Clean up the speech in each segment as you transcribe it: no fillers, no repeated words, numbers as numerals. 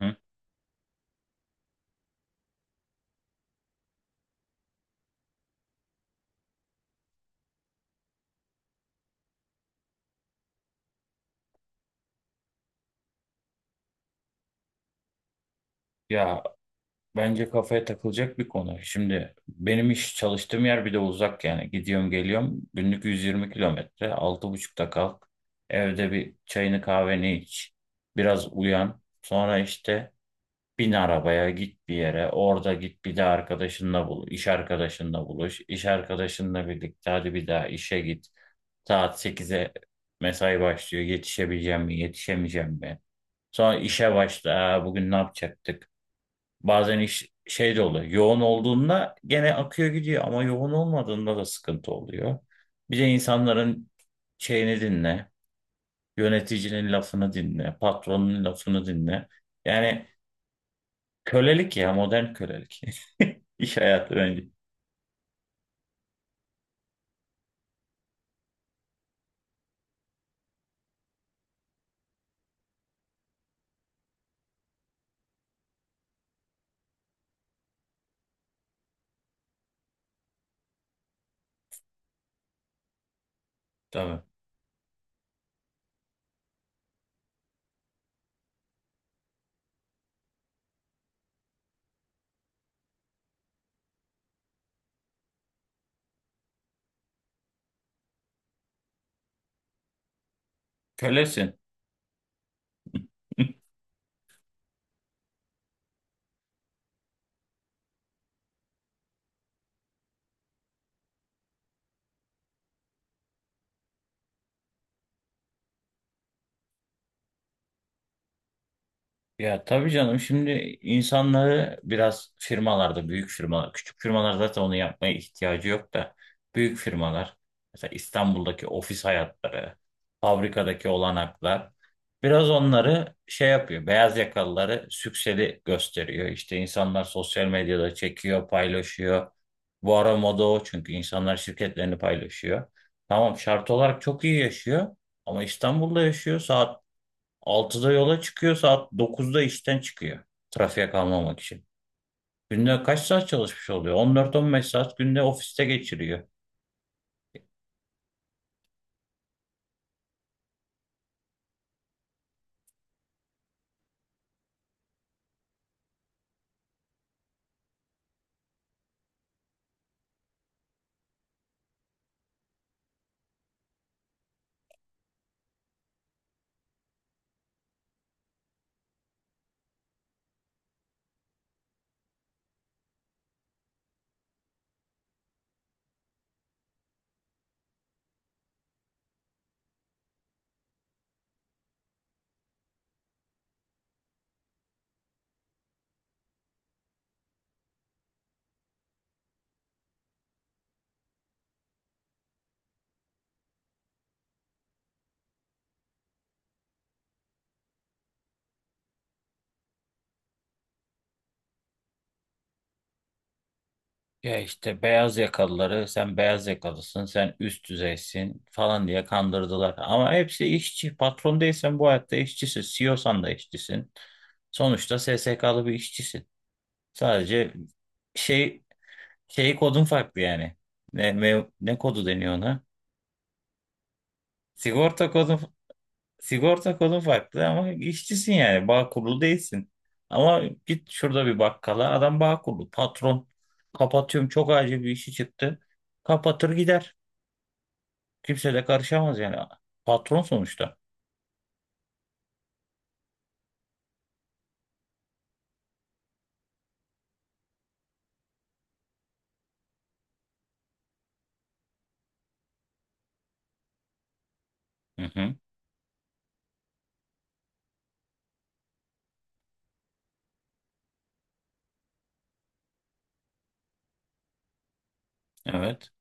Hı? Ya bence kafaya takılacak bir konu. Şimdi benim çalıştığım yer bir de uzak yani. Gidiyorum geliyorum günlük 120 kilometre. 6.30'da kalk. Evde bir çayını kahveni iç. Biraz uyan. Sonra işte bin arabaya git bir yere. Orada git bir de arkadaşınla buluş. İş arkadaşınla buluş. İş arkadaşınla birlikte hadi bir daha işe git. Saat 8'e mesai başlıyor. Yetişebileceğim mi yetişemeyeceğim mi? Sonra işe başla. Aa, bugün ne yapacaktık? Bazen iş şey de oluyor. Yoğun olduğunda gene akıyor gidiyor ama yoğun olmadığında da sıkıntı oluyor. Bir de insanların şeyini dinle, yöneticinin lafını dinle, patronun lafını dinle. Yani kölelik ya, modern kölelik. İş hayatı bence. Tabii. Kölesin. Ya tabii canım, şimdi insanları biraz firmalarda, büyük firmalar küçük firmalar, zaten onu yapmaya ihtiyacı yok da, büyük firmalar mesela İstanbul'daki ofis hayatları, fabrikadaki olanaklar biraz onları şey yapıyor, beyaz yakalıları sükseli gösteriyor. İşte insanlar sosyal medyada çekiyor paylaşıyor, bu ara moda o, çünkü insanlar şirketlerini paylaşıyor. Tamam, şart olarak çok iyi yaşıyor ama İstanbul'da yaşıyor. Saat 6'da yola çıkıyor, saat 9'da işten çıkıyor. Trafiğe kalmamak için. Günde kaç saat çalışmış oluyor? 14-15 saat günde ofiste geçiriyor. Ya işte beyaz yakalıları, sen beyaz yakalısın, sen üst düzeysin falan diye kandırdılar. Ama hepsi işçi. Patron değilsen bu hayatta işçisin. CEO'san da işçisin. Sonuçta SSK'lı bir işçisin. Sadece şey şey kodun farklı yani. Ne kodu deniyor ona? Sigorta kodun sigorta kodun farklı ama işçisin yani. Bağ kurulu değilsin. Ama git şurada bir bakkala, adam bağ kurulu. Patron, kapatıyorum çok acil bir işi çıktı. Kapatır gider. Kimse de karışamaz yani. Patron sonuçta. Hı hı. Evet.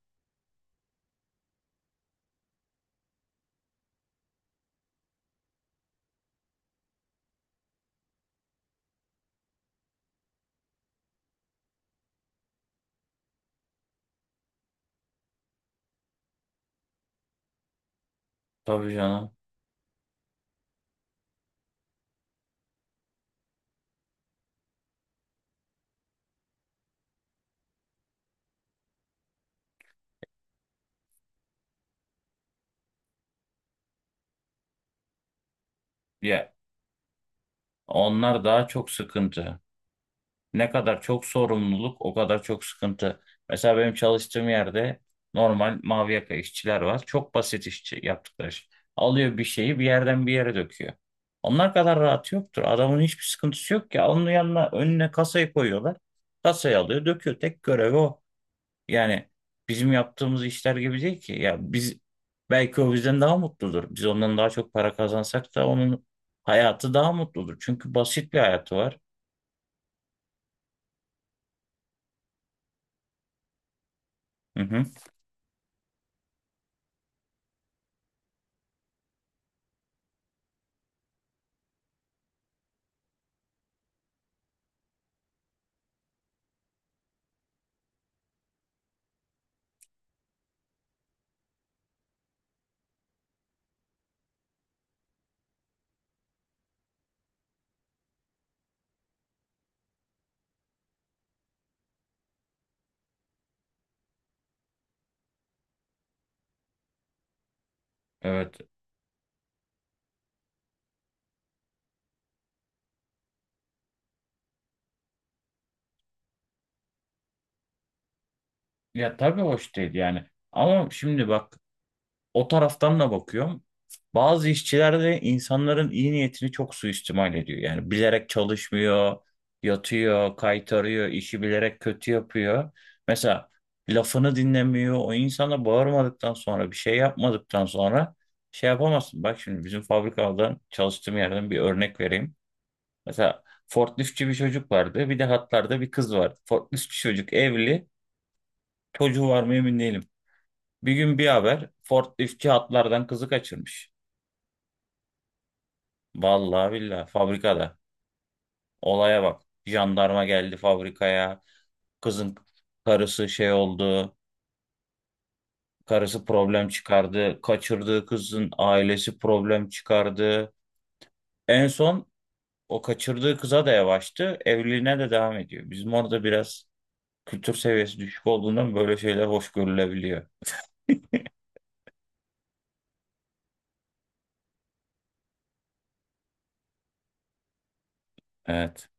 Tabii canım. Ya, onlar daha çok sıkıntı. Ne kadar çok sorumluluk, o kadar çok sıkıntı. Mesela benim çalıştığım yerde normal mavi yaka işçiler var. Çok basit işçi, yaptıkları iş. Alıyor bir şeyi bir yerden bir yere döküyor. Onlar kadar rahat yoktur. Adamın hiçbir sıkıntısı yok ki. Onun yanına, önüne kasayı koyuyorlar. Kasayı alıyor döküyor. Tek görevi o. Yani bizim yaptığımız işler gibi değil ki. Ya biz, belki o bizden daha mutludur. Biz ondan daha çok para kazansak da onun hayatı daha mutludur. Çünkü basit bir hayatı var. Hı hı. Evet. Ya tabii, hoş değil yani. Ama şimdi bak, o taraftan da bakıyorum. Bazı işçiler de insanların iyi niyetini çok suistimal ediyor. Yani bilerek çalışmıyor, yatıyor, kaytarıyor, işi bilerek kötü yapıyor. Mesela lafını dinlemiyor. O insana bağırmadıktan sonra, bir şey yapmadıktan sonra şey yapamazsın. Bak şimdi bizim fabrikadan, çalıştığım yerden bir örnek vereyim. Mesela forkliftçi bir çocuk vardı. Bir de hatlarda bir kız vardı. Forkliftçi çocuk evli. Çocuğu var mı emin değilim. Bir gün bir haber, forkliftçi hatlardan kızı kaçırmış. Vallahi billahi fabrikada. Olaya bak. Jandarma geldi fabrikaya. Kızın Karısı şey oldu. Karısı problem çıkardı. Kaçırdığı kızın ailesi problem çıkardı. En son o kaçırdığı kıza da yavaştı. Evliliğine de devam ediyor. Bizim orada biraz kültür seviyesi düşük olduğundan böyle şeyler hoş görülebiliyor. Evet.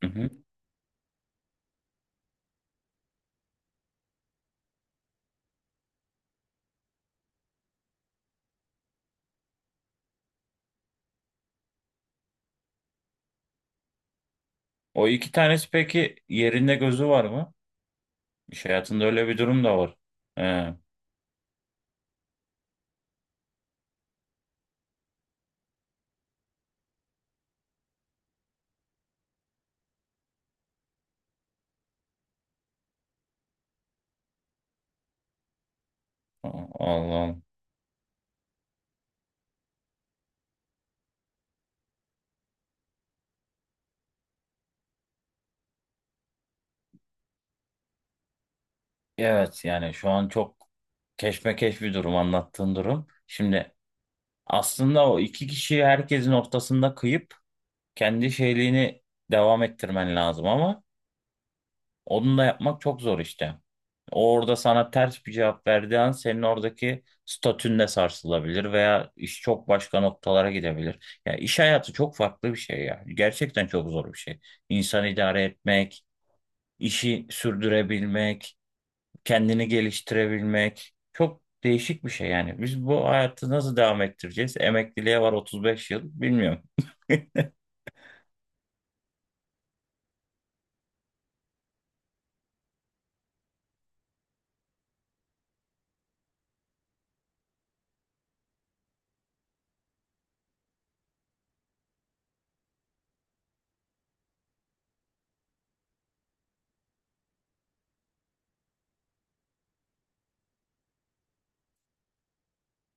Hı hı. O iki tanesi peki, yerinde gözü var mı? İş hayatında öyle bir durum da var. He. Allah Allah. Evet yani, şu an çok keşmekeş bir durum anlattığın durum. Şimdi aslında o iki kişiyi herkesin ortasında kıyıp kendi şeyliğini devam ettirmen lazım ama onu da yapmak çok zor işte. O orada sana ters bir cevap verdiği an senin oradaki statün de sarsılabilir veya iş çok başka noktalara gidebilir. Ya iş hayatı çok farklı bir şey ya. Gerçekten çok zor bir şey. İnsan idare etmek, işi sürdürebilmek, kendini geliştirebilmek çok değişik bir şey yani. Biz bu hayatı nasıl devam ettireceğiz? Emekliliğe var 35 yıl, bilmiyorum.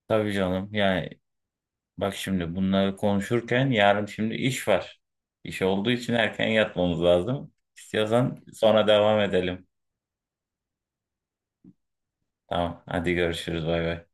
Tabii canım yani, bak şimdi bunları konuşurken yarın şimdi iş var. İş olduğu için erken yatmamız lazım. İstiyorsan sonra devam edelim. Tamam hadi, görüşürüz, bay bay.